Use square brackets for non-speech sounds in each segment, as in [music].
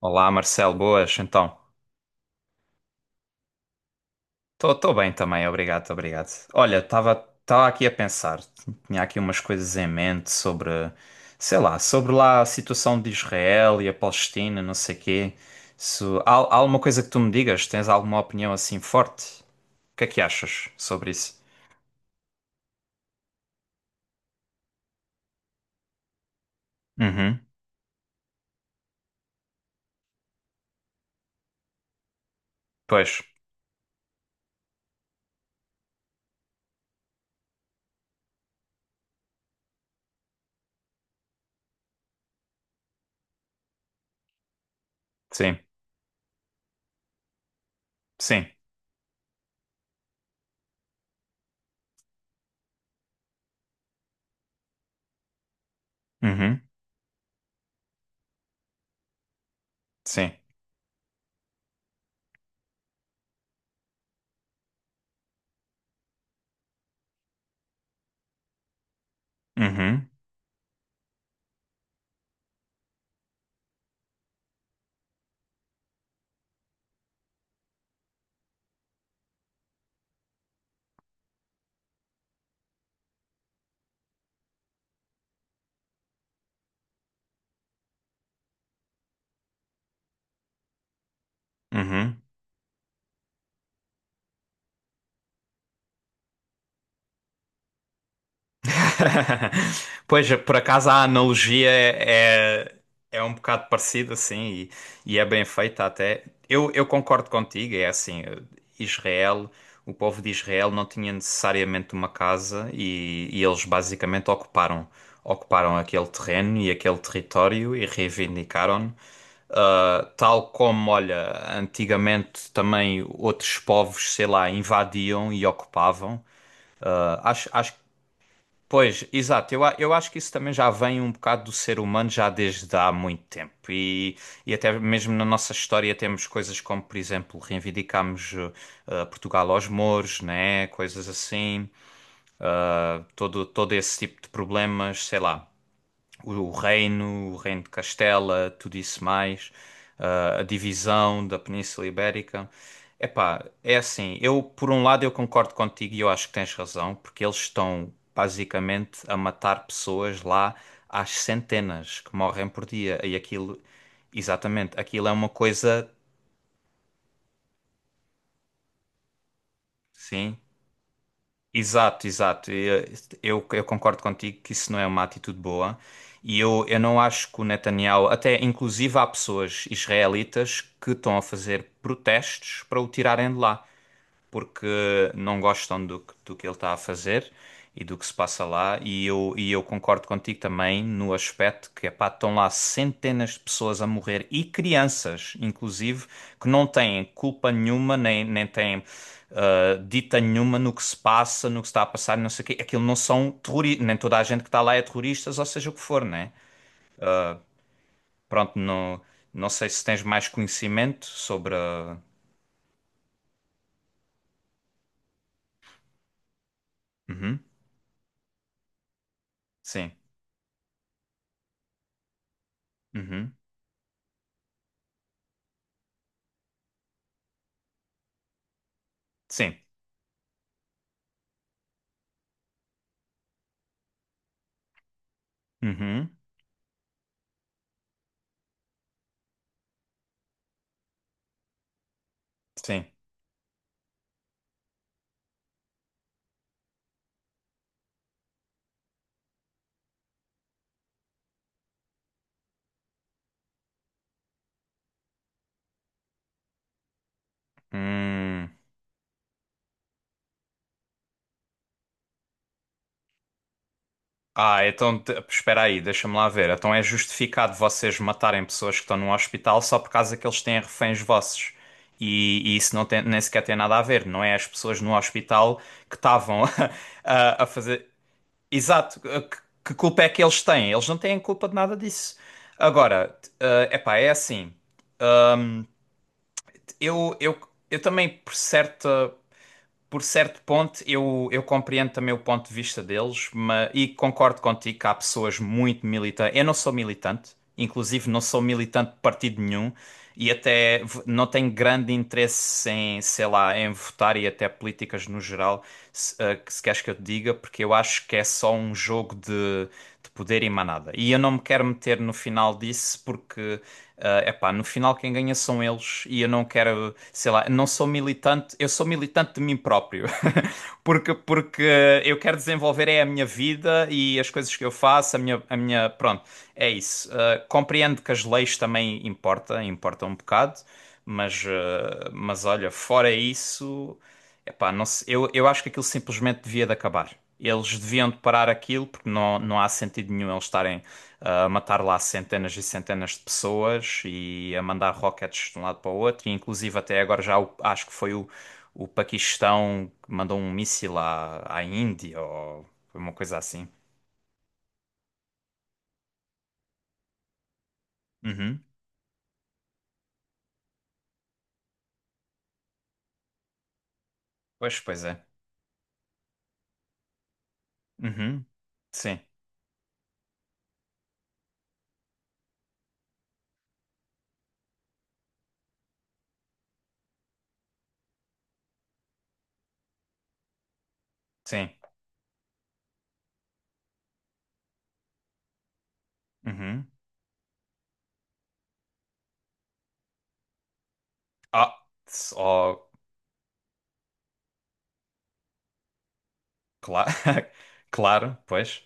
Olá, Marcelo, boas, então. Estou bem também, obrigado, obrigado. Olha, estava tava tava aqui a pensar, tinha aqui umas coisas em mente sobre, sei lá, sobre lá a situação de Israel e a Palestina, não sei quê. Se, há, há alguma coisa que tu me digas? Tens alguma opinião assim forte? O que é que achas sobre isso? Uhum, pois, sim, sim, uhum, sim, uhum, uhum. [laughs] Pois, por acaso a analogia é é um bocado parecida, assim, e é bem feita até. Eu concordo contigo, é assim, Israel, o povo de Israel não tinha necessariamente uma casa e eles basicamente ocuparam aquele terreno e aquele território e reivindicaram, tal como, olha, antigamente também outros povos, sei lá, invadiam e ocupavam. Acho. Pois, exato. Eu, eu acho que isso também já vem um bocado do ser humano já desde há muito tempo. E até mesmo na nossa história temos coisas como, por exemplo, reivindicamos Portugal aos mouros, né? Coisas assim. Todo esse tipo de problemas, sei lá o reino de Castela, tudo isso mais, a divisão da Península Ibérica. Epá, é assim, eu por um lado eu concordo contigo e eu acho que tens razão, porque eles estão basicamente a matar pessoas lá às centenas que morrem por dia e aquilo, exatamente, aquilo é uma coisa, sim. Exato, exato. Eu concordo contigo que isso não é uma atitude boa. E eu não acho que o Netanyahu, até inclusive há pessoas israelitas que estão a fazer protestos para o tirarem de lá porque não gostam do que ele está a fazer e do que se passa lá. E eu concordo contigo também no aspecto que, epá, estão lá centenas de pessoas a morrer e crianças, inclusive, que não têm culpa nenhuma, nem, nem têm dita nenhuma no que se passa, no que se está a passar, não sei o quê. Aquilo não são terroristas, nem toda a gente que está lá é terroristas, ou seja o que for, né? Pronto, não, não sei se tens mais conhecimento sobre. Uhum, sim. Uhum, sim. Uhum, sim. Hum. Ah, então espera aí, deixa-me lá ver. Então é justificado vocês matarem pessoas que estão no hospital só por causa que eles têm reféns vossos. E isso não tem, nem sequer tem nada a ver, não é as pessoas no hospital que estavam [laughs] a fazer. Exato, que culpa é que eles têm? Eles não têm culpa de nada disso. Agora, é epá, é assim. Eu, eu, eu também, por certa. Por certo ponto, eu compreendo também o ponto de vista deles, mas, e concordo contigo que há pessoas muito militantes. Eu não sou militante, inclusive não sou militante de partido nenhum, e até não tenho grande interesse em, sei lá, em votar e até políticas no geral, se queres que eu te diga, porque eu acho que é só um jogo de poder e mais nada. E eu não me quero meter no final disso porque, é epá, no final quem ganha são eles e eu não quero, sei lá, não sou militante, eu sou militante de mim próprio. [laughs] Porque eu quero desenvolver é a minha vida e as coisas que eu faço, a minha, pronto, é isso. Compreendo que as leis também importam, importam um bocado, mas olha, fora isso, epá, eu acho que aquilo simplesmente devia de acabar. Eles deviam de parar aquilo porque não, não há sentido nenhum eles estarem a matar lá centenas e centenas de pessoas e a mandar rockets de um lado para o outro. E, inclusive até agora acho que foi o Paquistão que mandou um míssil à Índia ou foi uma coisa assim. Uhum. Pois, pois é. Uhum. Sim, sim. Uhum. Ah, s- oh, claro, [laughs] claro, pois.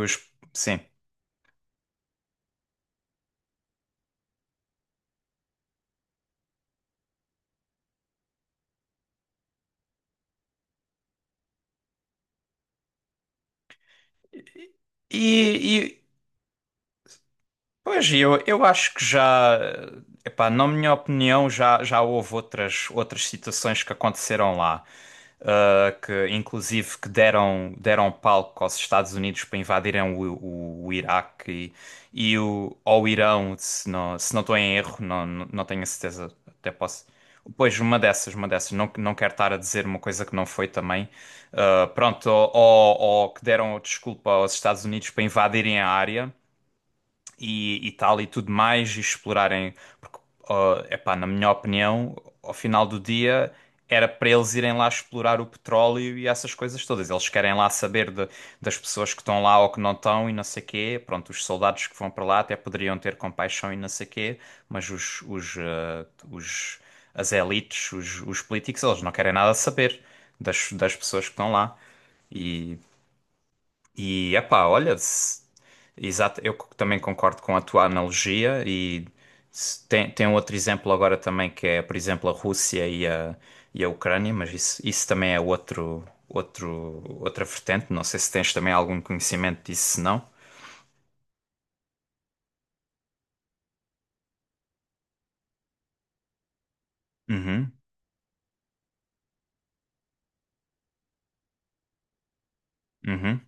Os, sim. E, e, Pois, eu acho que já, epá, na minha opinião, já, já houve outras, outras situações que aconteceram lá, ah, que inclusive que deram, deram palco aos Estados Unidos para invadirem o Iraque e, o Irão, se não, se não estou em erro, não, não tenho a certeza, até posso. Pois, uma dessas, uma dessas. Não, não quero estar a dizer uma coisa que não foi também. Ah, pronto, ou que deram desculpa aos Estados Unidos para invadirem a área e tal e tudo mais, e explorarem. Porque, ó, epá, na minha opinião, ao final do dia era para eles irem lá explorar o petróleo e essas coisas todas. Eles querem lá saber das pessoas que estão lá ou que não estão e não sei quê. Pronto, os soldados que vão para lá até poderiam ter compaixão e não sei quê, mas os- as elites, os políticos, eles não querem nada saber das, das pessoas que estão lá. E epá, olha, exato, eu também concordo com a tua analogia e tem, tem um outro exemplo agora também que é, por exemplo, a Rússia e a Ucrânia, mas isso também é outro, outro, outra vertente, não sei se tens também algum conhecimento disso, se não. Uhum, uhum,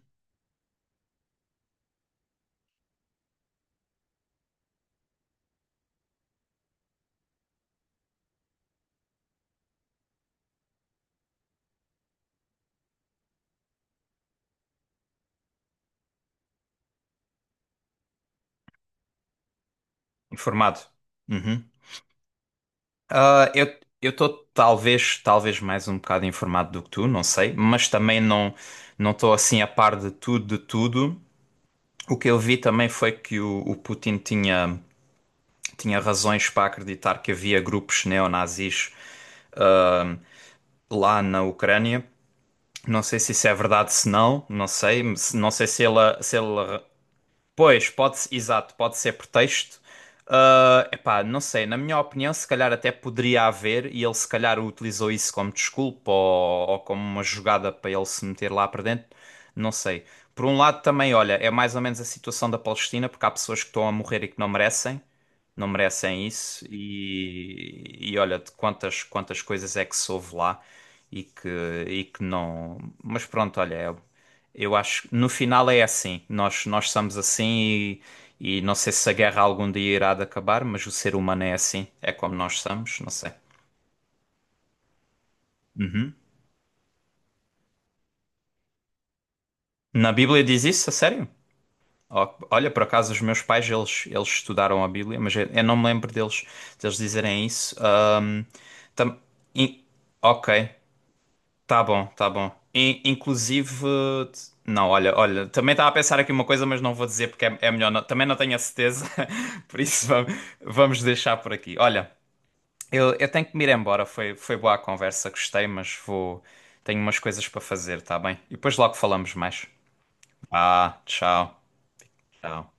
informado. Uhum. Ah, eu estou talvez mais um bocado informado do que tu, não sei, mas também não não estou assim a par de tudo de tudo. O que eu vi também foi que o Putin tinha, tinha razões para acreditar que havia grupos neonazis ah, lá na Ucrânia. Não sei se isso é verdade, se não, não sei. Não sei se ele, se ele pois, pode, exato, pode ser pretexto. Ah, epá, não sei, na minha opinião, se calhar até poderia haver, e ele se calhar utilizou isso como desculpa ou como uma jogada para ele se meter lá para dentro, não sei. Por um lado também, olha, é mais ou menos a situação da Palestina, porque há pessoas que estão a morrer e que não merecem não merecem isso e olha de quantas coisas é que soube lá e que e que não, mas pronto, olha, eu acho que no final é assim, nós somos assim e não sei se a guerra algum dia irá de acabar, mas o ser humano é assim, é como nós somos, não sei. Uhum. Na Bíblia diz isso a sério? Ó, olha, por acaso os meus pais eles estudaram a Bíblia, mas eu não me lembro deles dizerem isso. Tam- in- Ok, tá bom, tá bom. Inclusive, não, olha, olha, também estava a pensar aqui uma coisa, mas não vou dizer porque é, é melhor. Também não tenho a certeza, [laughs] por isso vamos deixar por aqui. Olha, eu tenho que me ir embora. Foi boa a conversa, gostei, mas vou. Tenho umas coisas para fazer, tá bem? E depois logo falamos mais. Ah, tchau, tchau.